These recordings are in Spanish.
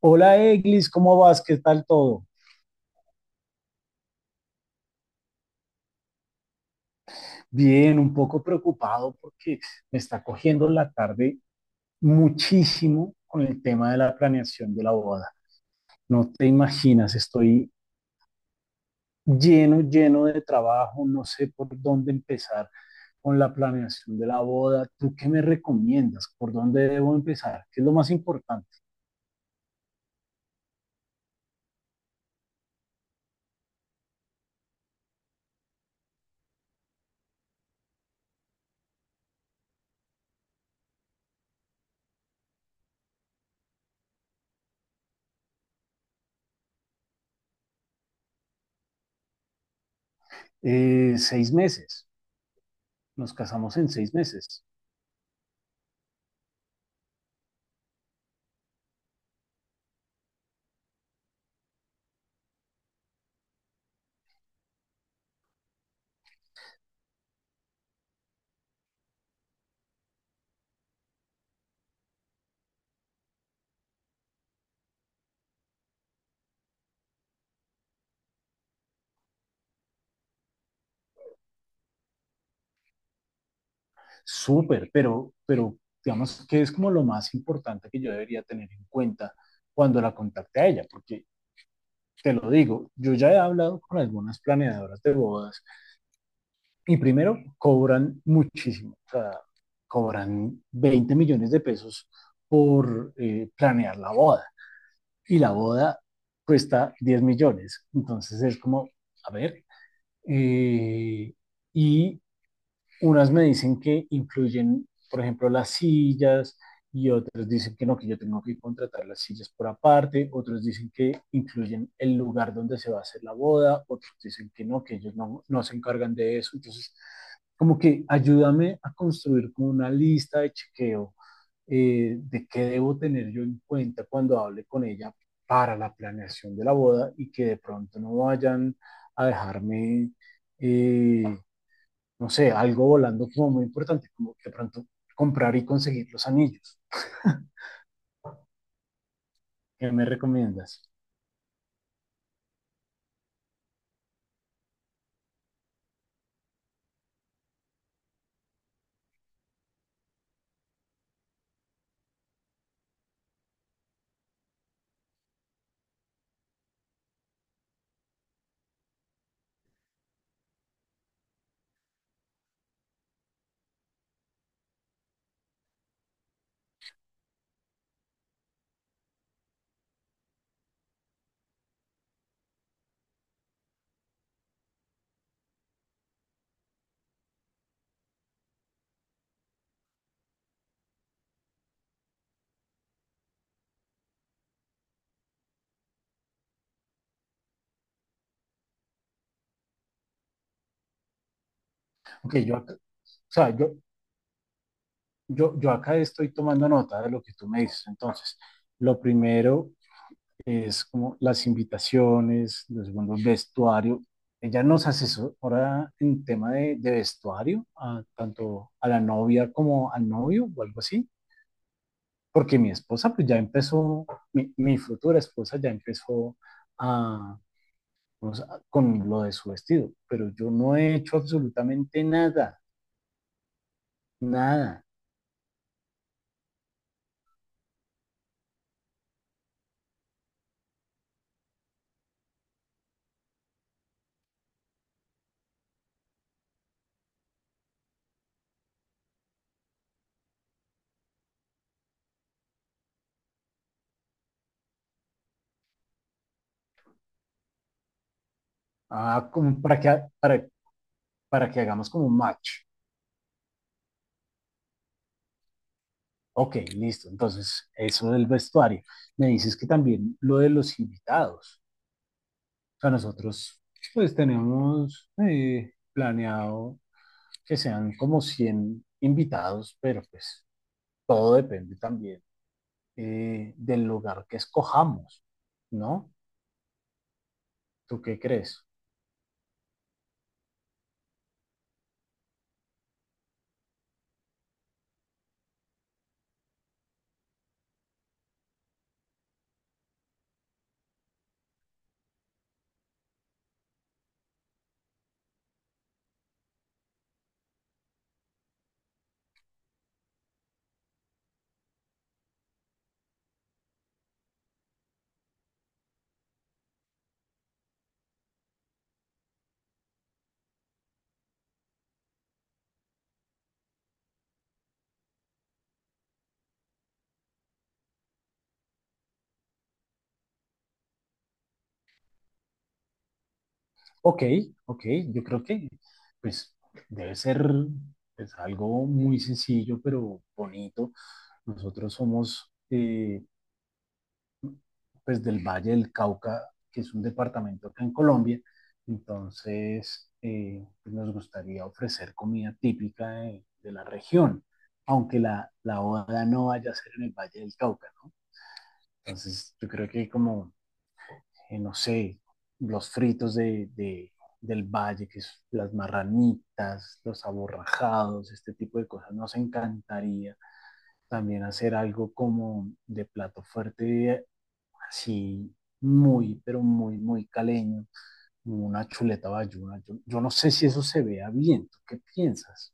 Hola Eglis, ¿cómo vas? ¿Qué tal todo? Bien, un poco preocupado porque me está cogiendo la tarde muchísimo con el tema de la planeación de la boda. No te imaginas, estoy lleno, lleno de trabajo, no sé por dónde empezar con la planeación de la boda. ¿Tú qué me recomiendas? ¿Por dónde debo empezar? ¿Qué es lo más importante? Seis meses, nos casamos en seis meses. Súper, pero digamos que es como lo más importante que yo debería tener en cuenta cuando la contacte a ella, porque te lo digo, yo ya he hablado con algunas planeadoras de bodas y primero cobran muchísimo, o sea, cobran 20 millones de pesos por planear la boda y la boda cuesta 10 millones, entonces es como, a ver, eh, y unas me dicen que incluyen, por ejemplo, las sillas y otros dicen que no, que yo tengo que contratar las sillas por aparte, otros dicen que incluyen el lugar donde se va a hacer la boda, otros dicen que no, que ellos no, no se encargan de eso. Entonces, como que ayúdame a construir como una lista de chequeo de qué debo tener yo en cuenta cuando hable con ella para la planeación de la boda y que de pronto no vayan a dejarme eh, no sé, algo volando como muy importante, como de pronto comprar y conseguir los anillos. ¿Qué me recomiendas? Ok, yo acá, o sea, yo acá estoy tomando nota de lo que tú me dices. Entonces, lo primero es como las invitaciones, los segundo, el vestuario. Ella nos asesora en tema de vestuario, tanto a la novia como al novio o algo así, porque mi esposa pues ya empezó, mi futura esposa ya empezó a, o sea, con lo de su vestido, pero yo no he hecho absolutamente nada, nada. Ah, como para para que hagamos como un match. Ok, listo. Entonces, eso del vestuario. Me dices que también lo de los invitados. O sea, nosotros pues tenemos planeado que sean como 100 invitados, pero pues todo depende también del lugar que escojamos, ¿no? ¿Tú qué crees? Ok, ok, yo creo que pues debe ser, pues, algo muy sencillo pero bonito. Nosotros somos, pues, del Valle del Cauca, que es un departamento acá en Colombia, entonces, pues, nos gustaría ofrecer comida típica de la región, aunque la boda no vaya a ser en el Valle del Cauca, ¿no? Entonces yo creo que como no sé, los fritos del valle, que es las marranitas, los aborrajados, este tipo de cosas. Nos encantaría también hacer algo como de plato fuerte, así muy, pero muy, muy caleño, una chuleta bayuna. Yo no sé si eso se vea bien, ¿tú qué piensas?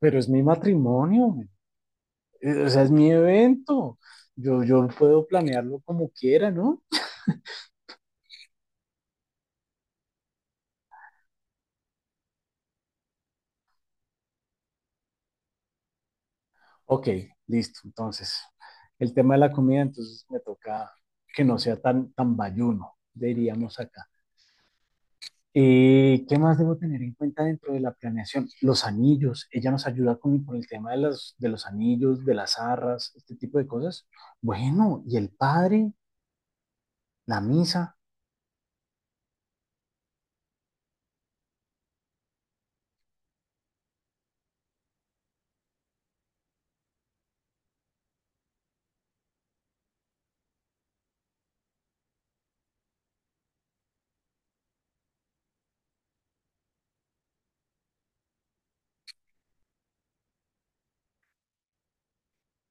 Pero es mi matrimonio, o sea, es mi evento. Yo puedo planearlo como quiera, ¿no? Ok, listo. Entonces, el tema de la comida, entonces me toca que no sea tan, tan bayuno, diríamos acá. ¿Qué más debo tener en cuenta dentro de la planeación? Los anillos, ella nos ayuda con el tema de los anillos, de las arras, este tipo de cosas. Bueno, y el padre, la misa,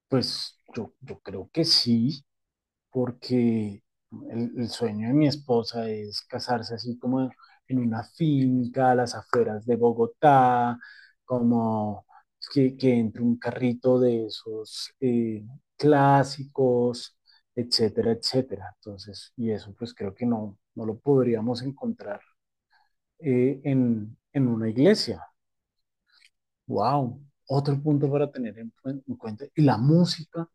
pues yo creo que sí, porque el sueño de mi esposa es casarse así como en una finca a las afueras de Bogotá, como que entre un carrito de esos, clásicos, etcétera, etcétera. Entonces, y eso pues creo que no, no lo podríamos encontrar en una iglesia. ¡Wow! Otro punto para tener en cuenta. Y la música.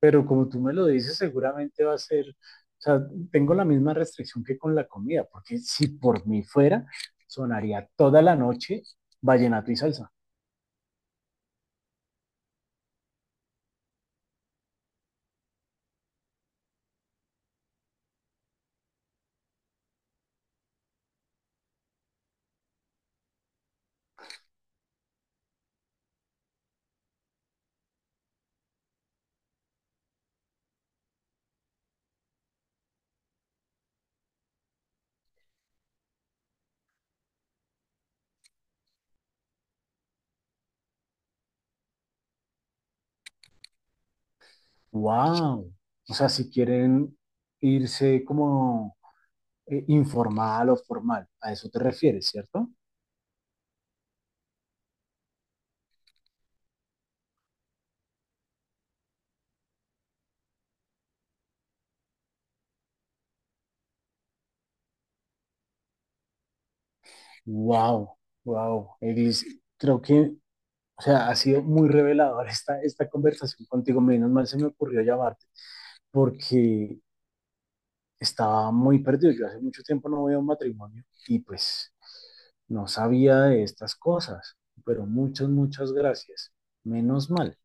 Pero como tú me lo dices, seguramente va a ser, o sea, tengo la misma restricción que con la comida, porque si por mí fuera, sonaría toda la noche vallenato y salsa. ¡Wow! O sea, si quieren irse como informal o formal, a eso te refieres, ¿cierto? ¡Wow! ¡Wow! Eglis, creo que, o sea, ha sido muy revelador esta, esta conversación contigo. Menos mal se me ocurrió llamarte, porque estaba muy perdido. Yo hace mucho tiempo no voy a un matrimonio y pues no sabía de estas cosas, pero muchas, muchas gracias. Menos mal.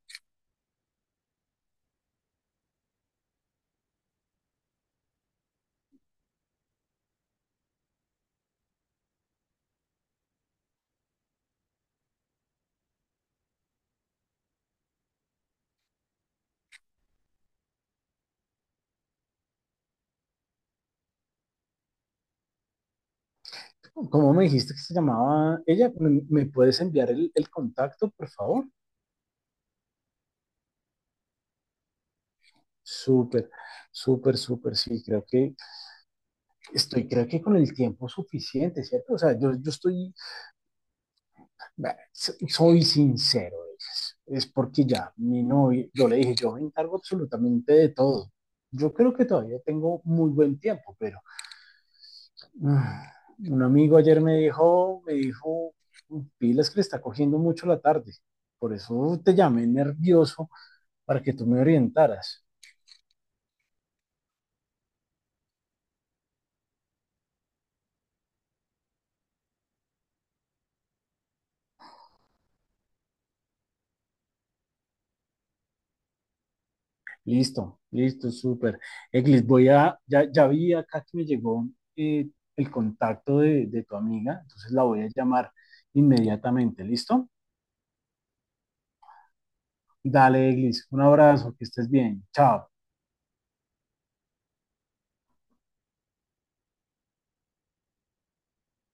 ¿Cómo me dijiste que se llamaba ella? Me puedes enviar el contacto, por favor? Súper, súper, súper, sí, creo que estoy, creo que con el tiempo suficiente, ¿cierto? O sea, yo estoy. Vea, soy sincero, es porque ya, mi novio, yo le dije, yo me encargo absolutamente de todo. Yo creo que todavía tengo muy buen tiempo, pero ah, un amigo ayer me dijo, pilas que le está cogiendo mucho la tarde. Por eso te llamé nervioso para que tú me orientaras. Listo, listo, súper. Eglis, voy a, ya, ya vi acá que me llegó eh, el contacto de tu amiga, entonces la voy a llamar inmediatamente, ¿listo? Dale, Glis. Un abrazo, que estés bien. Chao.